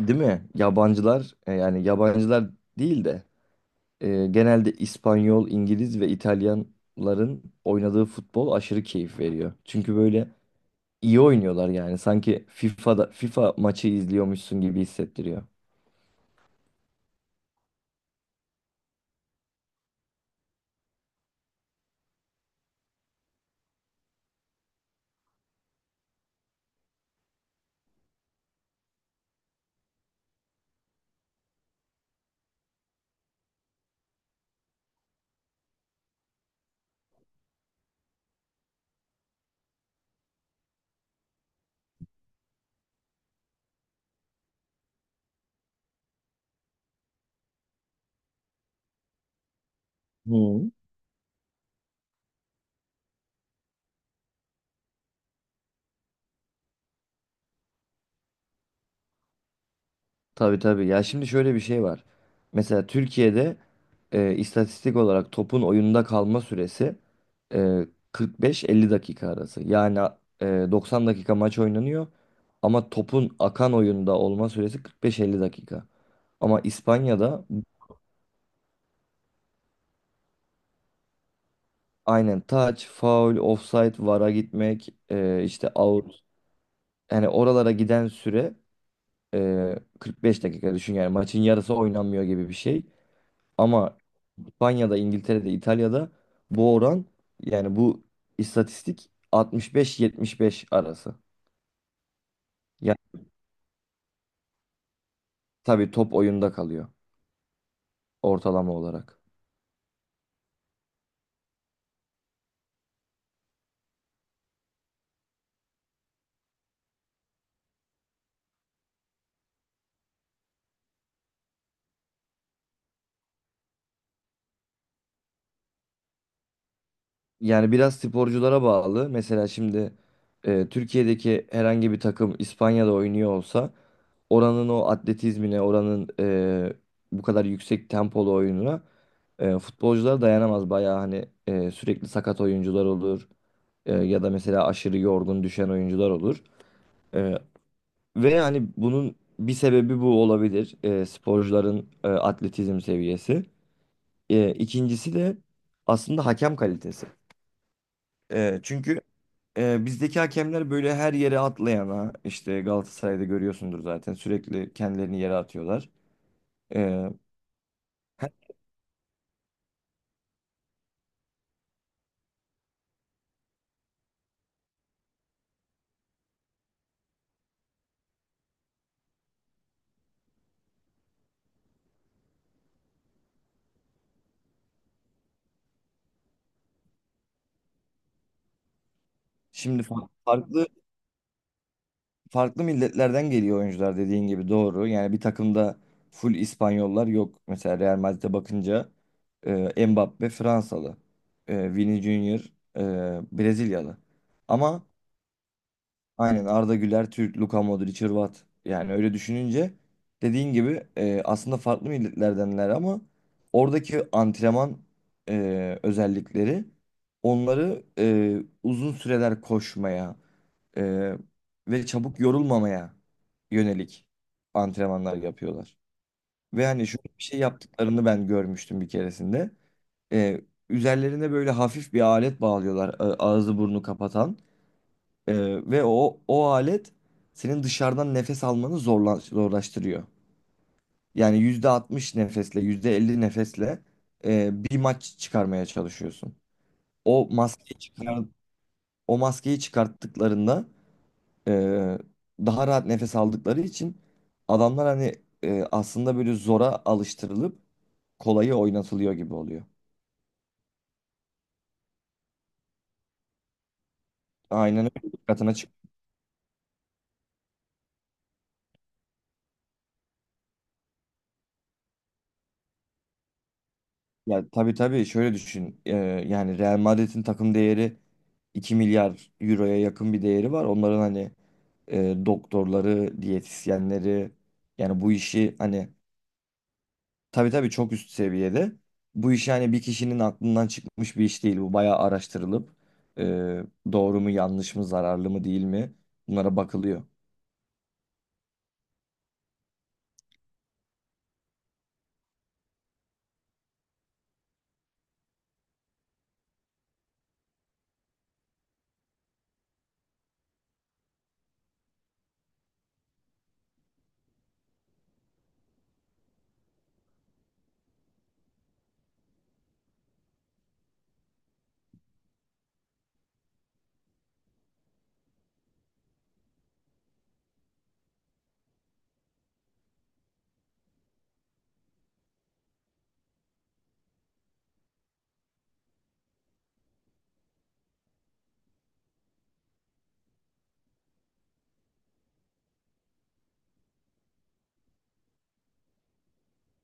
Değil mi? Yabancılar, yani yabancılar değil de, genelde İspanyol, İngiliz ve İtalyanların oynadığı futbol aşırı keyif veriyor. Çünkü böyle iyi oynuyorlar yani. Sanki FIFA'da FIFA maçı izliyormuşsun gibi hissettiriyor. Hı. Tabii tabii. Ya şimdi şöyle bir şey var. Mesela Türkiye'de istatistik olarak topun oyunda kalma süresi e, 45-50 dakika arası. Yani 90 dakika maç oynanıyor ama topun akan oyunda olma süresi 45-50 dakika. Ama İspanya'da aynen touch, foul, offside, VAR'a gitmek, işte out. Yani oralara giden süre 45 dakika düşün, yani maçın yarısı oynanmıyor gibi bir şey. Ama İspanya'da, İngiltere'de, İtalya'da bu oran, yani bu istatistik 65-75 arası. Yani tabii top oyunda kalıyor, ortalama olarak. Yani biraz sporculara bağlı. Mesela şimdi Türkiye'deki herhangi bir takım İspanya'da oynuyor olsa oranın o atletizmine, oranın e, bu kadar yüksek tempolu oyununa futbolcular dayanamaz. Bayağı hani sürekli sakat oyuncular olur. Ya da mesela aşırı yorgun düşen oyuncular olur. E, Ve hani bunun bir sebebi bu olabilir. Sporcuların atletizm seviyesi. İkincisi de aslında hakem kalitesi. Çünkü bizdeki hakemler böyle her yere atlayana, işte Galatasaray'da görüyorsundur zaten, sürekli kendilerini yere atıyorlar. Heh, Şimdi farklı farklı milletlerden geliyor oyuncular, dediğin gibi doğru. Yani bir takımda full İspanyollar yok. Mesela Real Madrid'e bakınca Mbappe Fransalı, Vini Junior Brezilyalı. Ama aynen, Arda Güler, Türk, Luka Modric, Hırvat. Yani öyle düşününce dediğin gibi aslında farklı milletlerdenler ama oradaki antrenman özellikleri onları uzun süreler koşmaya e, ve çabuk yorulmamaya yönelik antrenmanlar yapıyorlar. Ve hani şöyle bir şey yaptıklarını ben görmüştüm bir keresinde. E, Üzerlerine böyle hafif bir alet bağlıyorlar, ağzı burnu kapatan. Ee, Ve o alet senin dışarıdan nefes almanı zorlaştırıyor. Yani %60 nefesle, %50 nefesle bir maç çıkarmaya çalışıyorsun. O maskeyi çıkar, O maskeyi çıkarttıklarında e, daha rahat nefes aldıkları için adamlar hani aslında böyle zora alıştırılıp kolayı oynatılıyor gibi oluyor. Aynen öyle. Dikkatine. Ya tabii tabii, şöyle düşün. Yani Real Madrid'in takım değeri 2 milyar euroya yakın bir değeri var. Onların hani doktorları, diyetisyenleri, yani bu işi hani, tabii tabii çok üst seviyede. Bu işi hani bir kişinin aklından çıkmış bir iş değil. Bu bayağı araştırılıp e, doğru mu yanlış mı, zararlı mı değil mi, bunlara bakılıyor.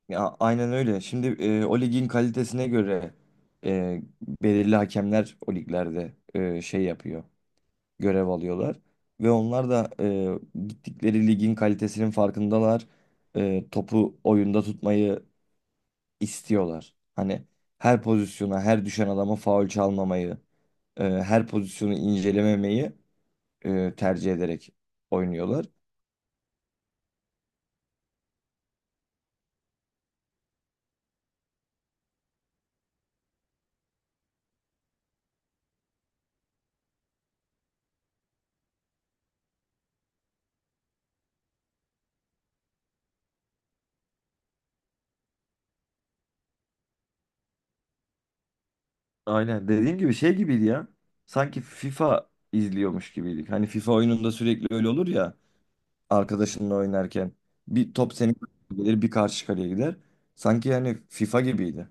Ya aynen öyle. Şimdi o ligin kalitesine göre e, belirli hakemler o liglerde şey yapıyor, görev alıyorlar. Ve onlar da gittikleri ligin kalitesinin farkındalar. Topu oyunda tutmayı istiyorlar. Hani her pozisyona, her düşen adama faul çalmamayı, her pozisyonu incelememeyi tercih ederek oynuyorlar. Aynen, dediğim gibi şey gibiydi ya. Sanki FIFA izliyormuş gibiydik. Hani FIFA oyununda sürekli öyle olur ya, arkadaşınla oynarken. Bir top senin kaleye gelir, bir karşı kaleye gider. Sanki yani FIFA gibiydi.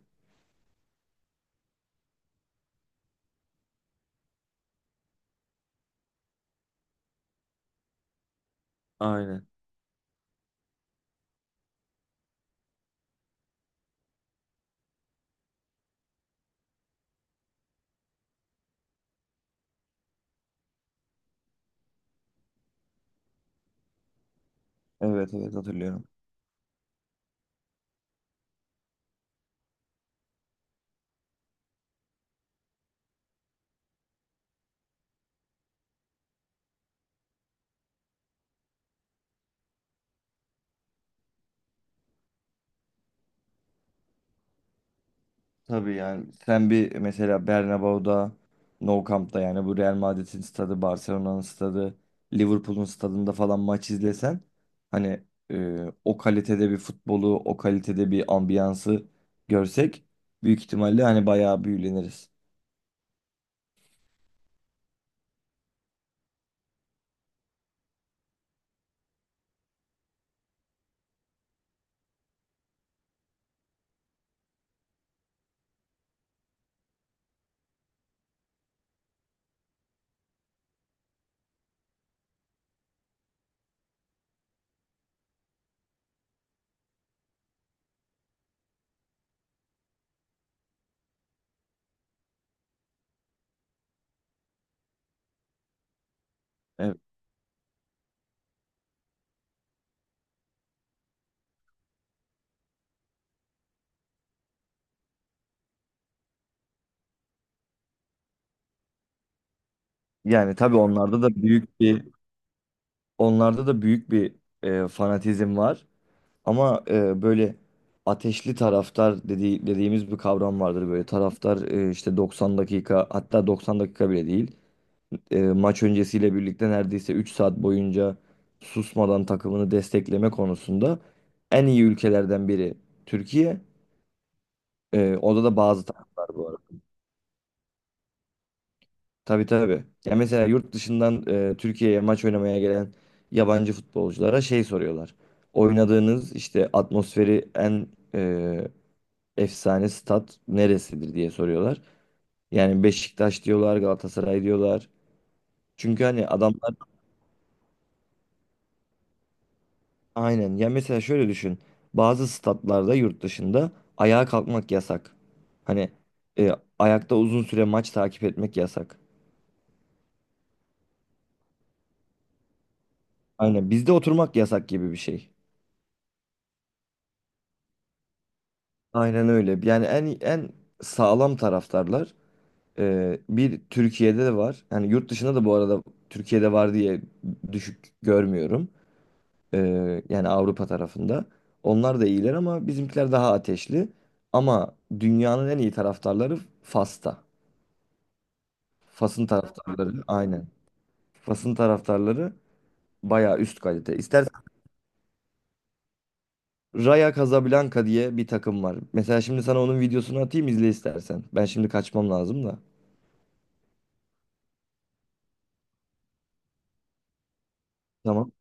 Aynen. Evet evet, hatırlıyorum. Tabii, yani sen bir mesela Bernabéu'da, Nou Camp'ta, yani bu Real Madrid'in stadı, Barcelona'nın stadı, Liverpool'un stadında falan maç izlesen, hani o kalitede bir futbolu, o kalitede bir ambiyansı görsek, büyük ihtimalle hani bayağı büyüleniriz. Evet. Yani tabii onlarda da büyük bir fanatizm var. Ama böyle ateşli taraftar dediğimiz bir kavram vardır. Böyle taraftar işte 90 dakika, hatta 90 dakika bile değil. Maç öncesiyle birlikte neredeyse 3 saat boyunca susmadan takımını destekleme konusunda en iyi ülkelerden biri Türkiye. Orada da bazı taraftar bu arada. Tabii tabii. Ya mesela yurt dışından Türkiye'ye maç oynamaya gelen yabancı futbolculara şey soruyorlar. Oynadığınız işte atmosferi en e, efsane stat neresidir, diye soruyorlar. Yani Beşiktaş diyorlar, Galatasaray diyorlar. Çünkü hani adamlar, aynen. Ya mesela şöyle düşün. Bazı statlarda yurt dışında ayağa kalkmak yasak. Hani e, ayakta uzun süre maç takip etmek yasak. Aynen bizde oturmak yasak gibi bir şey. Aynen öyle. Yani en sağlam taraftarlar bir Türkiye'de de var. Yani yurt dışında da bu arada, Türkiye'de var diye düşük görmüyorum. Yani Avrupa tarafında. Onlar da iyiler ama bizimkiler daha ateşli. Ama dünyanın en iyi taraftarları Fas'ta. Fas'ın taraftarları, aynen. Fas'ın taraftarları bayağı üst kalite. İstersen Raja Casablanca diye bir takım var. Mesela şimdi sana onun videosunu atayım, izle istersen. Ben şimdi kaçmam lazım da. Tamam.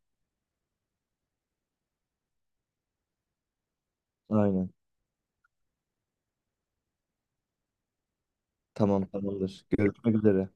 Aynen. Tamam, tamamdır. Görüşmek üzere.